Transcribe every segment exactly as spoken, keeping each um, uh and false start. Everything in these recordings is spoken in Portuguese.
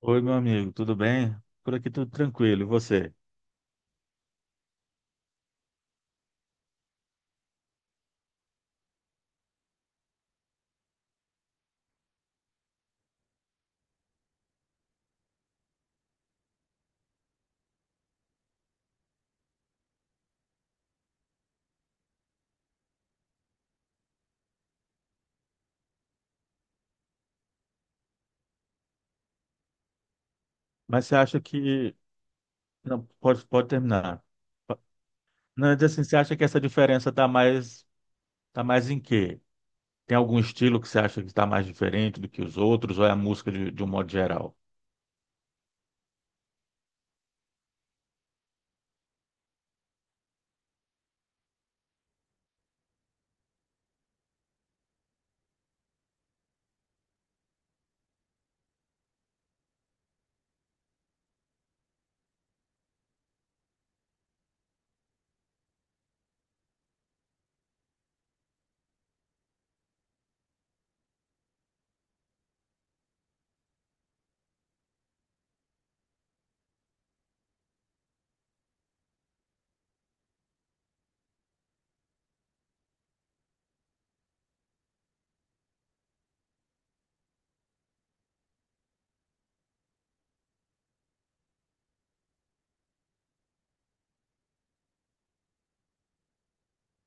Oi, meu amigo, tudo bem? Por aqui tudo tranquilo, e você? Mas você acha que. Não, pode, pode terminar. Não, mas assim, você acha que essa diferença está mais, tá mais em quê? Tem algum estilo que você acha que está mais diferente do que os outros, ou é a música de, de um modo geral?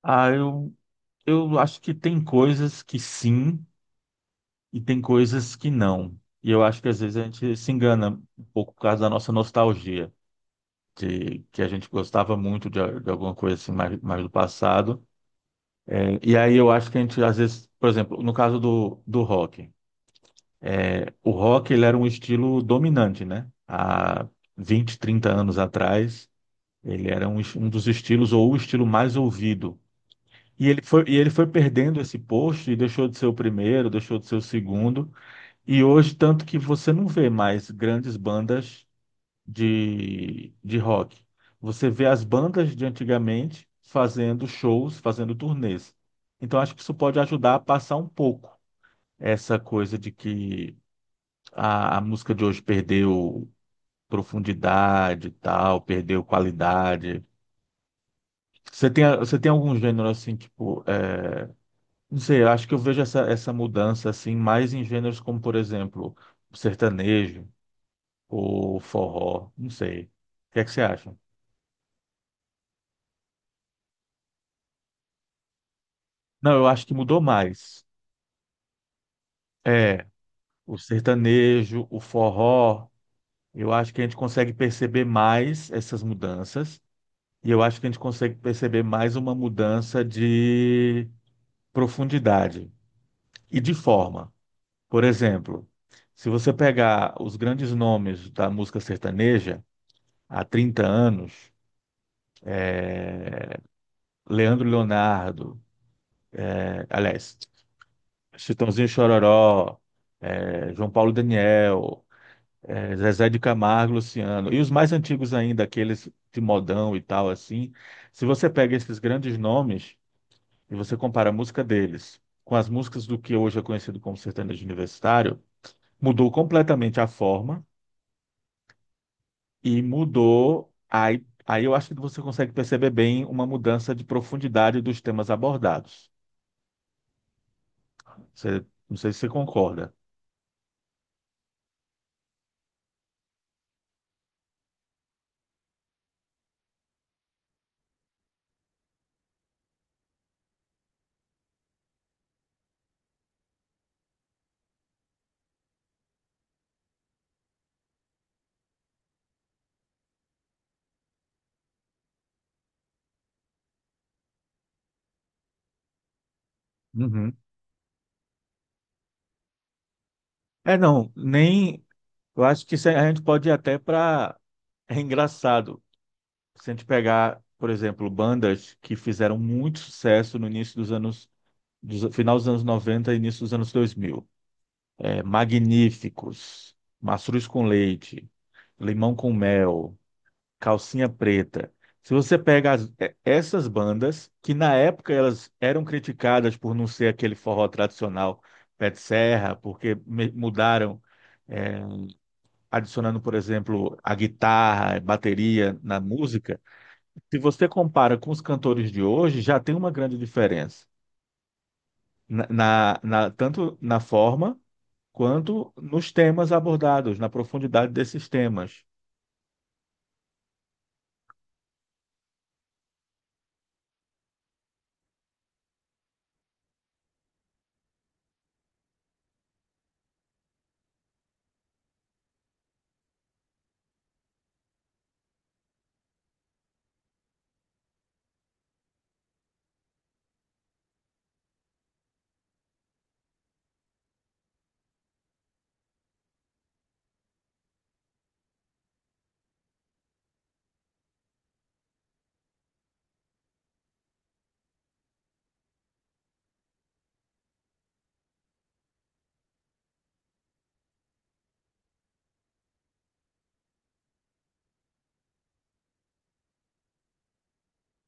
Ah, eu, eu acho que tem coisas que sim e tem coisas que não. E eu acho que às vezes a gente se engana um pouco por causa da nossa nostalgia, de que a gente gostava muito de, de alguma coisa assim mais, mais do passado. E aí eu acho que a gente, às vezes, por exemplo, no caso do, do rock, é, o rock ele era um estilo dominante, né? Há vinte, trinta anos atrás, ele era um, es- um dos estilos ou o estilo mais ouvido. E ele foi, e ele foi perdendo esse posto e deixou de ser o primeiro, deixou de ser o segundo. E hoje, tanto que você não vê mais grandes bandas de, de rock. Você vê as bandas de antigamente fazendo shows, fazendo turnês. Então, acho que isso pode ajudar a passar um pouco essa coisa de que a, a música de hoje perdeu profundidade e tal, perdeu qualidade. Você tem, você tem algum gênero assim, tipo, é, não sei, eu acho que eu vejo essa, essa mudança assim mais em gêneros como, por exemplo, sertanejo ou forró, não sei. O que é que você acha? Não, eu acho que mudou mais. É, o sertanejo, o forró, eu acho que a gente consegue perceber mais essas mudanças. E eu acho que a gente consegue perceber mais uma mudança de profundidade e de forma. Por exemplo, se você pegar os grandes nomes da música sertaneja há trinta anos, Leandro Leonardo, eh, aliás, Chitãozinho e Chororó, eh, João Paulo e Daniel, eh, Zezé de Camargo, Luciano, e os mais antigos ainda, aqueles de modão e tal assim, se você pega esses grandes nomes, e você compara a música deles com as músicas do que hoje é conhecido como sertanejo universitário, mudou completamente a forma e mudou. Aí, aí eu acho que você consegue perceber bem uma mudança de profundidade dos temas abordados. Você, não sei se você concorda. Uhum. É, não, nem. Eu acho que isso a gente pode ir até para. É engraçado. Se a gente pegar, por exemplo, bandas que fizeram muito sucesso no início dos anos, dos- final dos anos noventa e início dos anos dois mil, é, magníficos, mastruz com leite, limão com mel, calcinha preta. Se você pega as- é, essas bandas, que na época elas eram criticadas por não ser aquele forró tradicional pé de serra, porque me- mudaram, é, adicionando, por exemplo, a guitarra, a bateria na música. Se você compara com os cantores de hoje, já tem uma grande diferença. Na, na- na- tanto na forma quanto nos temas abordados, na profundidade desses temas.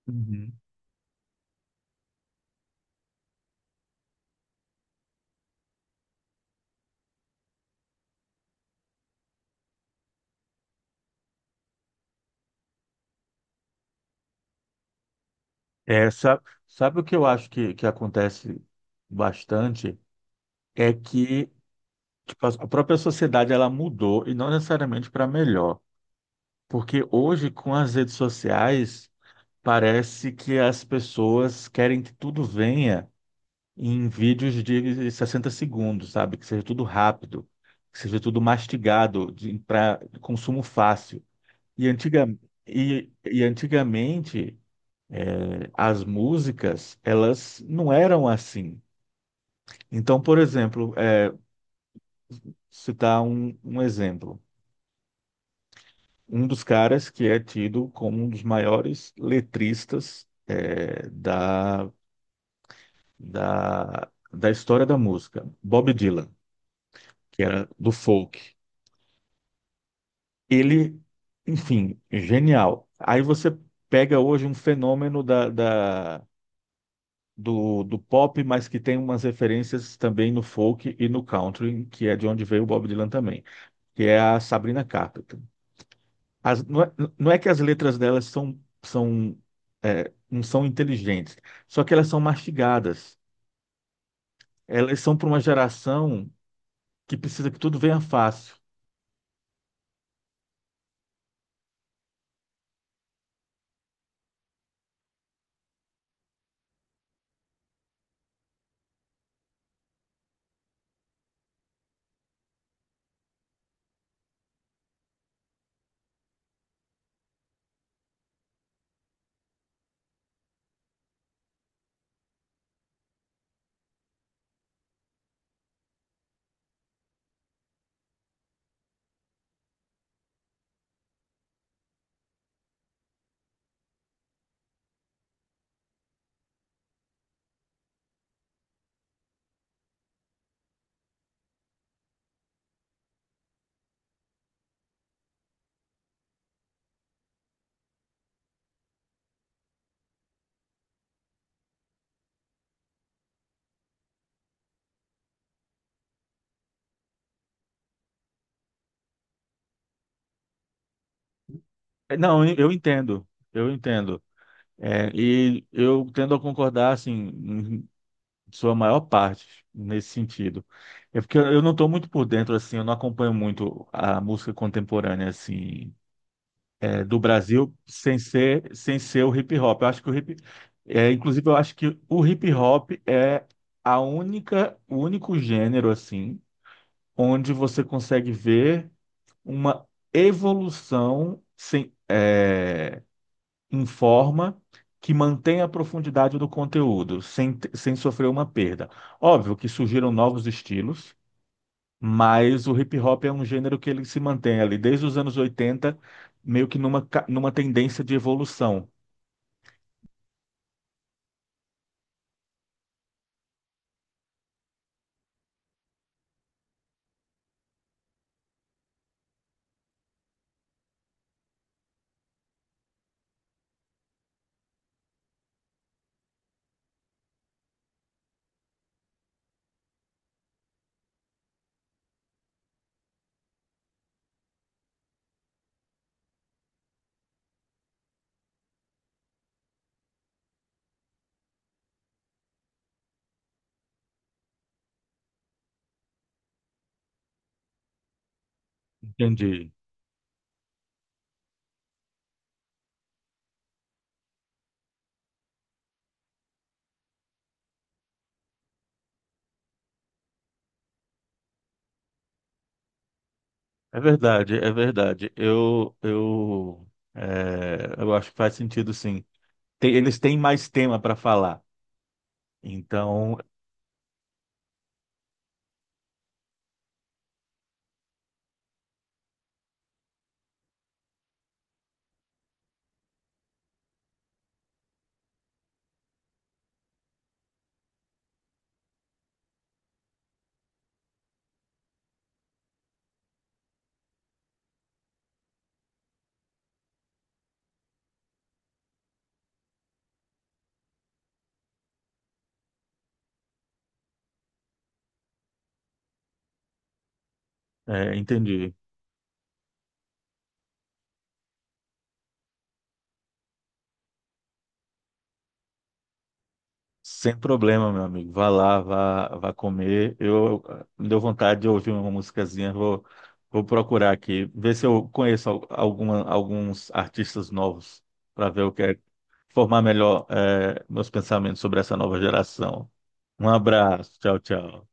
Uhum. É, sabe, sabe o que eu acho que, que acontece bastante? É que tipo, a a própria sociedade ela mudou e não necessariamente para melhor. Porque hoje, com as redes sociais, parece que as pessoas querem que tudo venha em vídeos de sessenta segundos, sabe? Que seja tudo rápido, que seja tudo mastigado, para consumo fácil. E, antiga, e, e antigamente as músicas elas não eram assim. Então, por exemplo, é, citar um, um exemplo. Um dos caras que é tido como um dos maiores letristas é, da, da, da história da música, Bob Dylan, que era do folk. Ele, enfim, genial. Aí você pega hoje um fenômeno da da do, do pop, mas que tem umas referências também no folk e no country, que é de onde veio o Bob Dylan também, que é a Sabrina Carpenter. As- não é, não é que as letras delas são, são, é, não são inteligentes, só que elas são mastigadas. Elas são para uma geração que precisa que tudo venha fácil. É, não, eu eu entendo, eu entendo. É, e eu tendo a concordar, assim, sua maior parte nesse sentido. É porque eu não estou muito por dentro, assim, eu não acompanho muito a música contemporânea, assim, é, do Brasil, sem ser, sem ser o hip hop. Eu acho que o hip, é, inclusive, eu acho que o hip hop é a única, o único gênero, assim, onde você consegue ver uma evolução sem, é, em forma que mantenha a profundidade do conteúdo, sem, sem sofrer uma perda. Óbvio que surgiram novos estilos, mas o hip hop é um gênero que ele se mantém ali desde os anos oitenta meio que numa, ca- numa tendência de evolução. Entendi. É verdade, é verdade. Eu, eu, é, eu acho que faz sentido, sim. Tem- eles têm mais tema para falar. Então, é, entendi. Sem problema, meu amigo. Vá lá, vá, vá comer. Eu me deu vontade de ouvir uma musicazinha. Vou, vou procurar aqui, ver se eu conheço al- alguma, alguns artistas novos para ver o que é, formar melhor eh, meus pensamentos sobre essa nova geração. Um abraço. Tchau, tchau.